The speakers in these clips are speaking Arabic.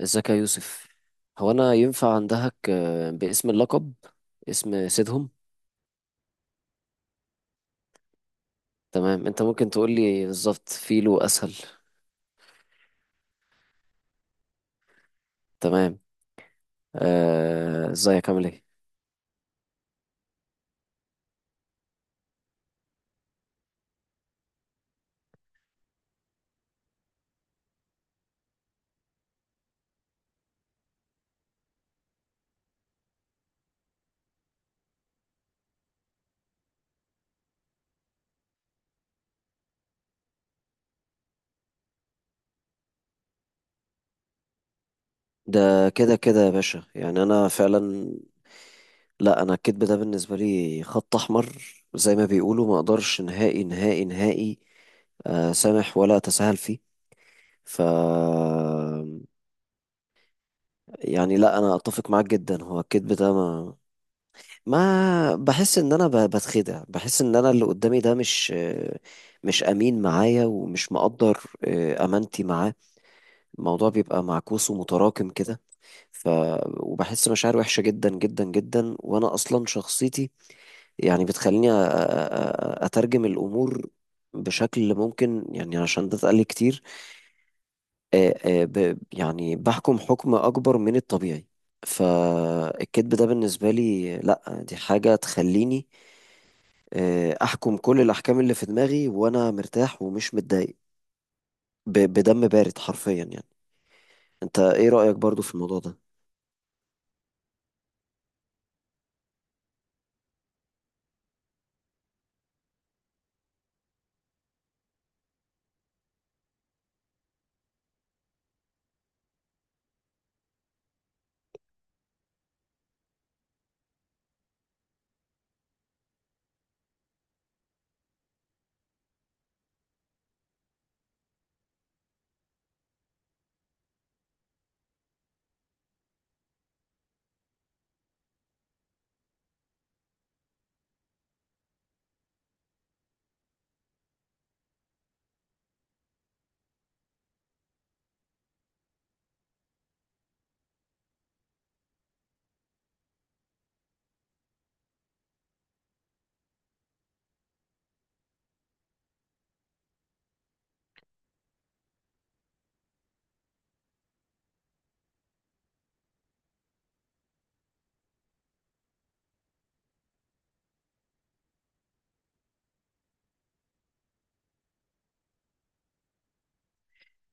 ازيك يا يوسف؟ هو انا ينفع عندك باسم اللقب اسم سيدهم؟ تمام. انت ممكن تقول لي بالظبط فيلو اسهل. تمام. ازيك عامل ايه؟ ده كده كده يا باشا، يعني انا فعلا، لا انا الكذب ده بالنسبه لي خط احمر، زي ما بيقولوا ما اقدرش نهائي نهائي نهائي سامح ولا اتساهل فيه. ف يعني لا، انا اتفق معاك جدا، هو الكذب ده ما بحس ان انا بتخدع، بحس ان انا اللي قدامي ده مش امين معايا، ومش مقدر امانتي معاه. الموضوع بيبقى معكوس ومتراكم كده. ف وبحس مشاعر وحشة جدا جدا جدا، وانا اصلا شخصيتي يعني بتخليني اترجم الامور بشكل ممكن يعني، عشان ده اتقال لي كتير. آه، يعني بحكم حكم اكبر من الطبيعي. فالكذب ده بالنسبة لي، لا دي حاجة تخليني احكم كل الاحكام اللي في دماغي، وانا مرتاح ومش متضايق، بدم بارد حرفيا يعني. انت ايه رأيك برضو في الموضوع ده؟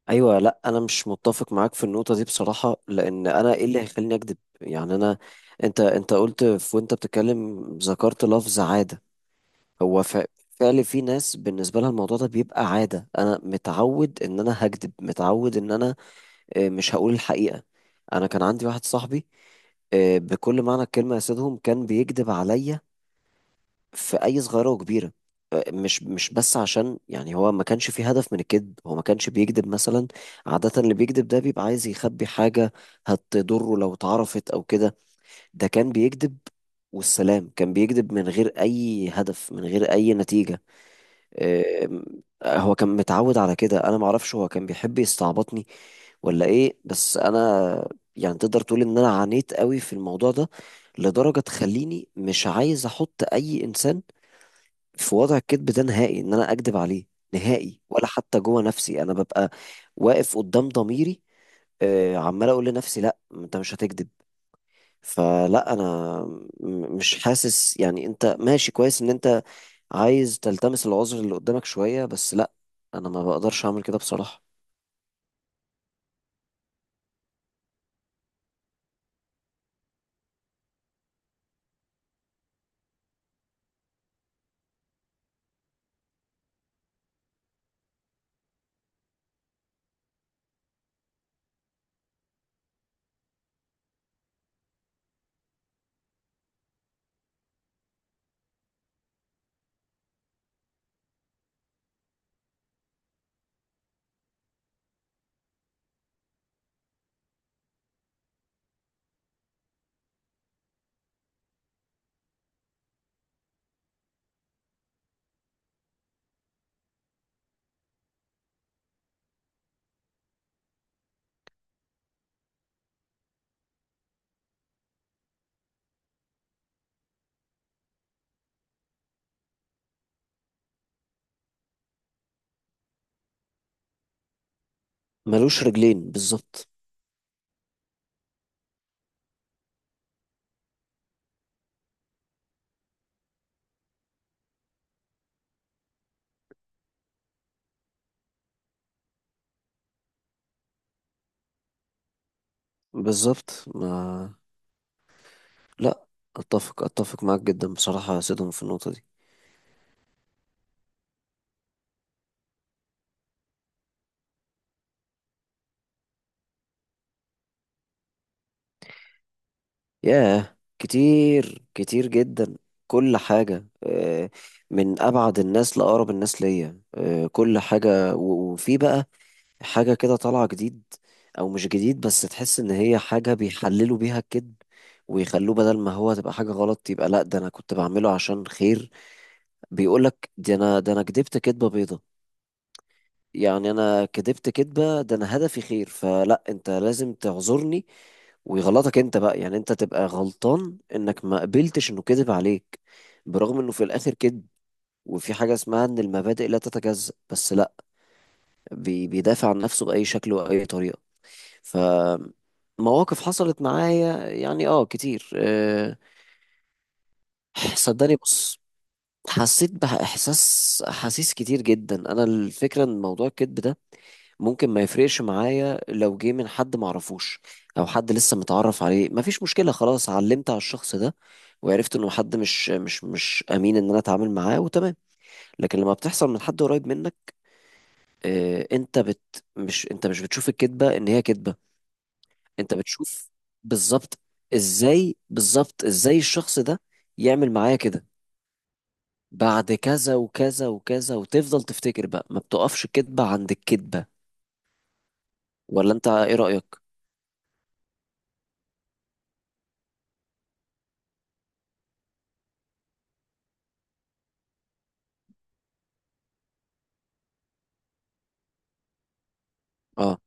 ايوه، لا انا مش متفق معاك في النقطة دي بصراحة، لان انا ايه اللي هيخليني اكذب يعني؟ انا انت قلت، في وانت بتتكلم ذكرت لفظ عادة. هو فعلا في ناس بالنسبة لها الموضوع ده بيبقى عادة. انا متعود ان انا هكذب، متعود ان انا مش هقول الحقيقة. انا كان عندي واحد صاحبي بكل معنى الكلمة يا سيدهم، كان بيكذب عليا في اي صغيره وكبيره. مش بس عشان، يعني هو ما كانش فيه هدف من الكذب. هو ما كانش بيكذب مثلا، عادة اللي بيكذب ده بيبقى عايز يخبي حاجة هتضره لو اتعرفت او كده. ده كان بيكذب والسلام، كان بيكذب من غير اي هدف، من غير اي نتيجة. أم، هو كان متعود على كده. انا معرفش هو كان بيحب يستعبطني ولا ايه، بس انا يعني تقدر تقول ان انا عانيت قوي في الموضوع ده، لدرجة تخليني مش عايز احط اي انسان في وضع الكذب ده نهائي. ان انا اكذب عليه نهائي، ولا حتى جوه نفسي انا ببقى واقف قدام ضميري عمال اقول لنفسي لا انت مش هتكذب. فلا انا مش حاسس يعني انت ماشي كويس ان انت عايز تلتمس العذر اللي قدامك شوية، بس لا انا ما بقدرش اعمل كده بصراحة. ملوش رجلين بالظبط. بالظبط. ما لا، اتفق معاك جدا بصراحة يا سيدهم في النقطة دي. ياه، كتير كتير جدا، كل حاجة من أبعد الناس لأقرب الناس ليا كل حاجة. وفي بقى حاجة كده طالعة جديد، أو مش جديد، بس تحس إن هي حاجة بيحللوا بيها الكذب، ويخلوه بدل ما هو تبقى حاجة غلط، يبقى لأ ده أنا كنت بعمله عشان خير. بيقولك دي أنا، ده أنا كدبت كدبة بيضة، يعني أنا كدبت كدبة، ده أنا هدفي خير، فلأ أنت لازم تعذرني، ويغلطك انت بقى. يعني انت تبقى غلطان انك ما قبلتش انه كذب عليك، برغم انه في الاخر كذب. وفي حاجة اسمها ان المبادئ لا تتجزأ، بس لا، بيدافع عن نفسه بأي شكل وأي طريقة. ف مواقف حصلت معايا يعني، اه كتير أه. صدقني، بص، حسيت أحاسيس كتير جدا. أنا الفكرة إن موضوع الكذب ده ممكن ما يفرقش معايا لو جه من حد معرفوش، او حد لسه متعرف عليه، مفيش مشكلة، خلاص علمت على الشخص ده وعرفت انه حد مش امين ان انا اتعامل معاه، وتمام. لكن لما بتحصل من حد قريب منك انت مش بتشوف الكذبة ان هي كذبة، انت بتشوف. بالظبط. ازاي، بالظبط ازاي الشخص ده يعمل معايا كده بعد كذا وكذا وكذا. وتفضل تفتكر بقى، ما بتقفش الكذبة عند الكذبة، ولا انت ايه رأيك؟ اه.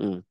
امم.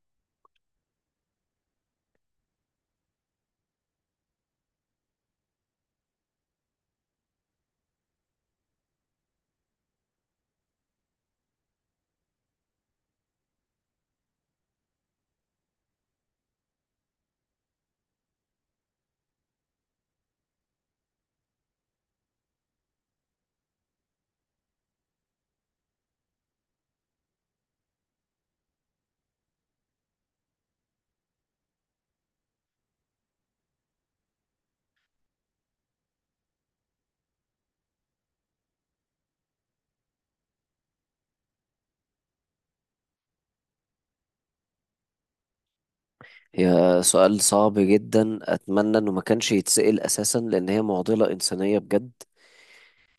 هي سؤال صعب جدا، أتمنى إنه ما كانش يتسأل أساسا، لأن هي معضلة إنسانية بجد.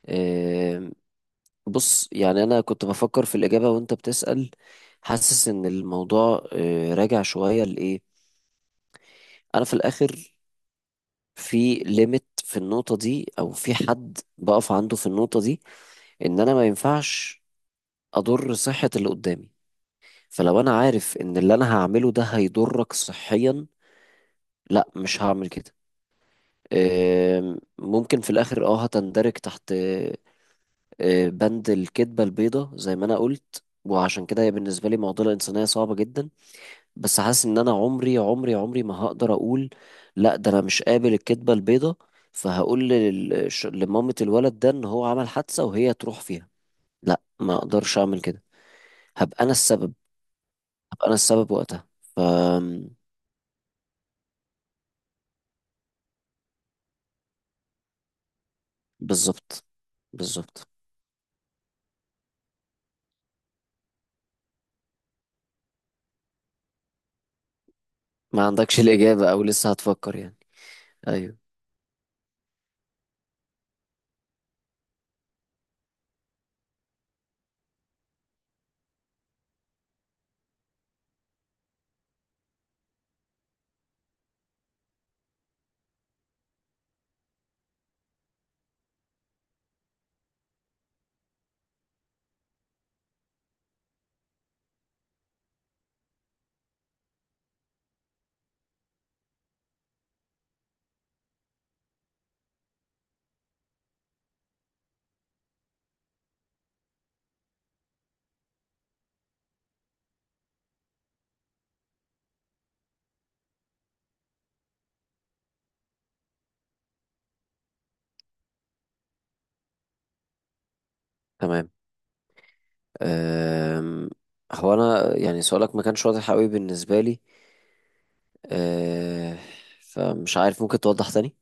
آم، بص يعني، أنا كنت بفكر في الإجابة وأنت بتسأل، حاسس إن الموضوع راجع شوية لإيه أنا في الآخر في ليميت في النقطة دي، أو في حد بقف عنده في النقطة دي. إن أنا ما ينفعش أضر صحة اللي قدامي. فلو أنا عارف إن اللي أنا هعمله ده هيضرك صحيا، لا مش هعمل كده. ممكن في الآخر اه هتندرج تحت بند الكذبة البيضة زي ما أنا قلت، وعشان كده هي بالنسبة لي معضلة إنسانية صعبة جدا. بس حاسس إن أنا عمري ما هقدر أقول لأ ده أنا مش قابل الكذبة البيضة، فهقول لمامة الولد ده إن هو عمل حادثة وهي تروح فيها. لأ ما أقدرش أعمل كده، هبقى أنا السبب، هبقى أنا السبب وقتها. أم، بالظبط، بالظبط. ما عندكش الإجابة أو لسه هتفكر يعني؟ أيوه. تمام. أم، هو انا يعني سؤالك ما كانش واضح قوي بالنسبه لي، أه، فمش عارف، ممكن توضح تاني.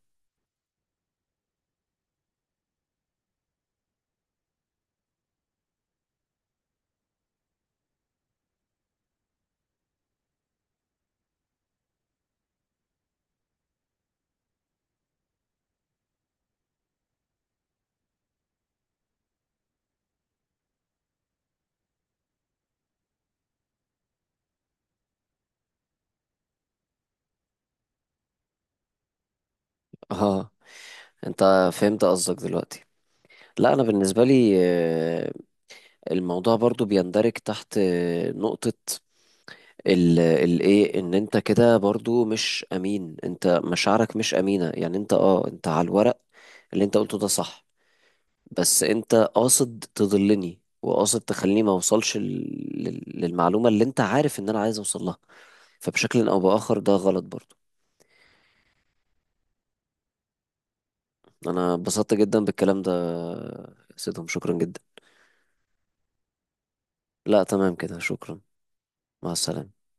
اه، انت فهمت قصدك دلوقتي. لا انا بالنسبه لي الموضوع برضو بيندرج تحت نقطه الايه، ان انت كده برضو مش امين، انت مشاعرك مش امينه، يعني انت اه انت على الورق اللي انت قلته ده صح، بس انت قاصد تضلني وقاصد تخليني ما اوصلش للمعلومه اللي انت عارف ان انا عايز اوصل لها. فبشكل او باخر ده غلط برضو. انا اتبسطت جدا بالكلام ده يا سيدهم، شكرا جدا. لا تمام كده، شكرا. مع السلامة.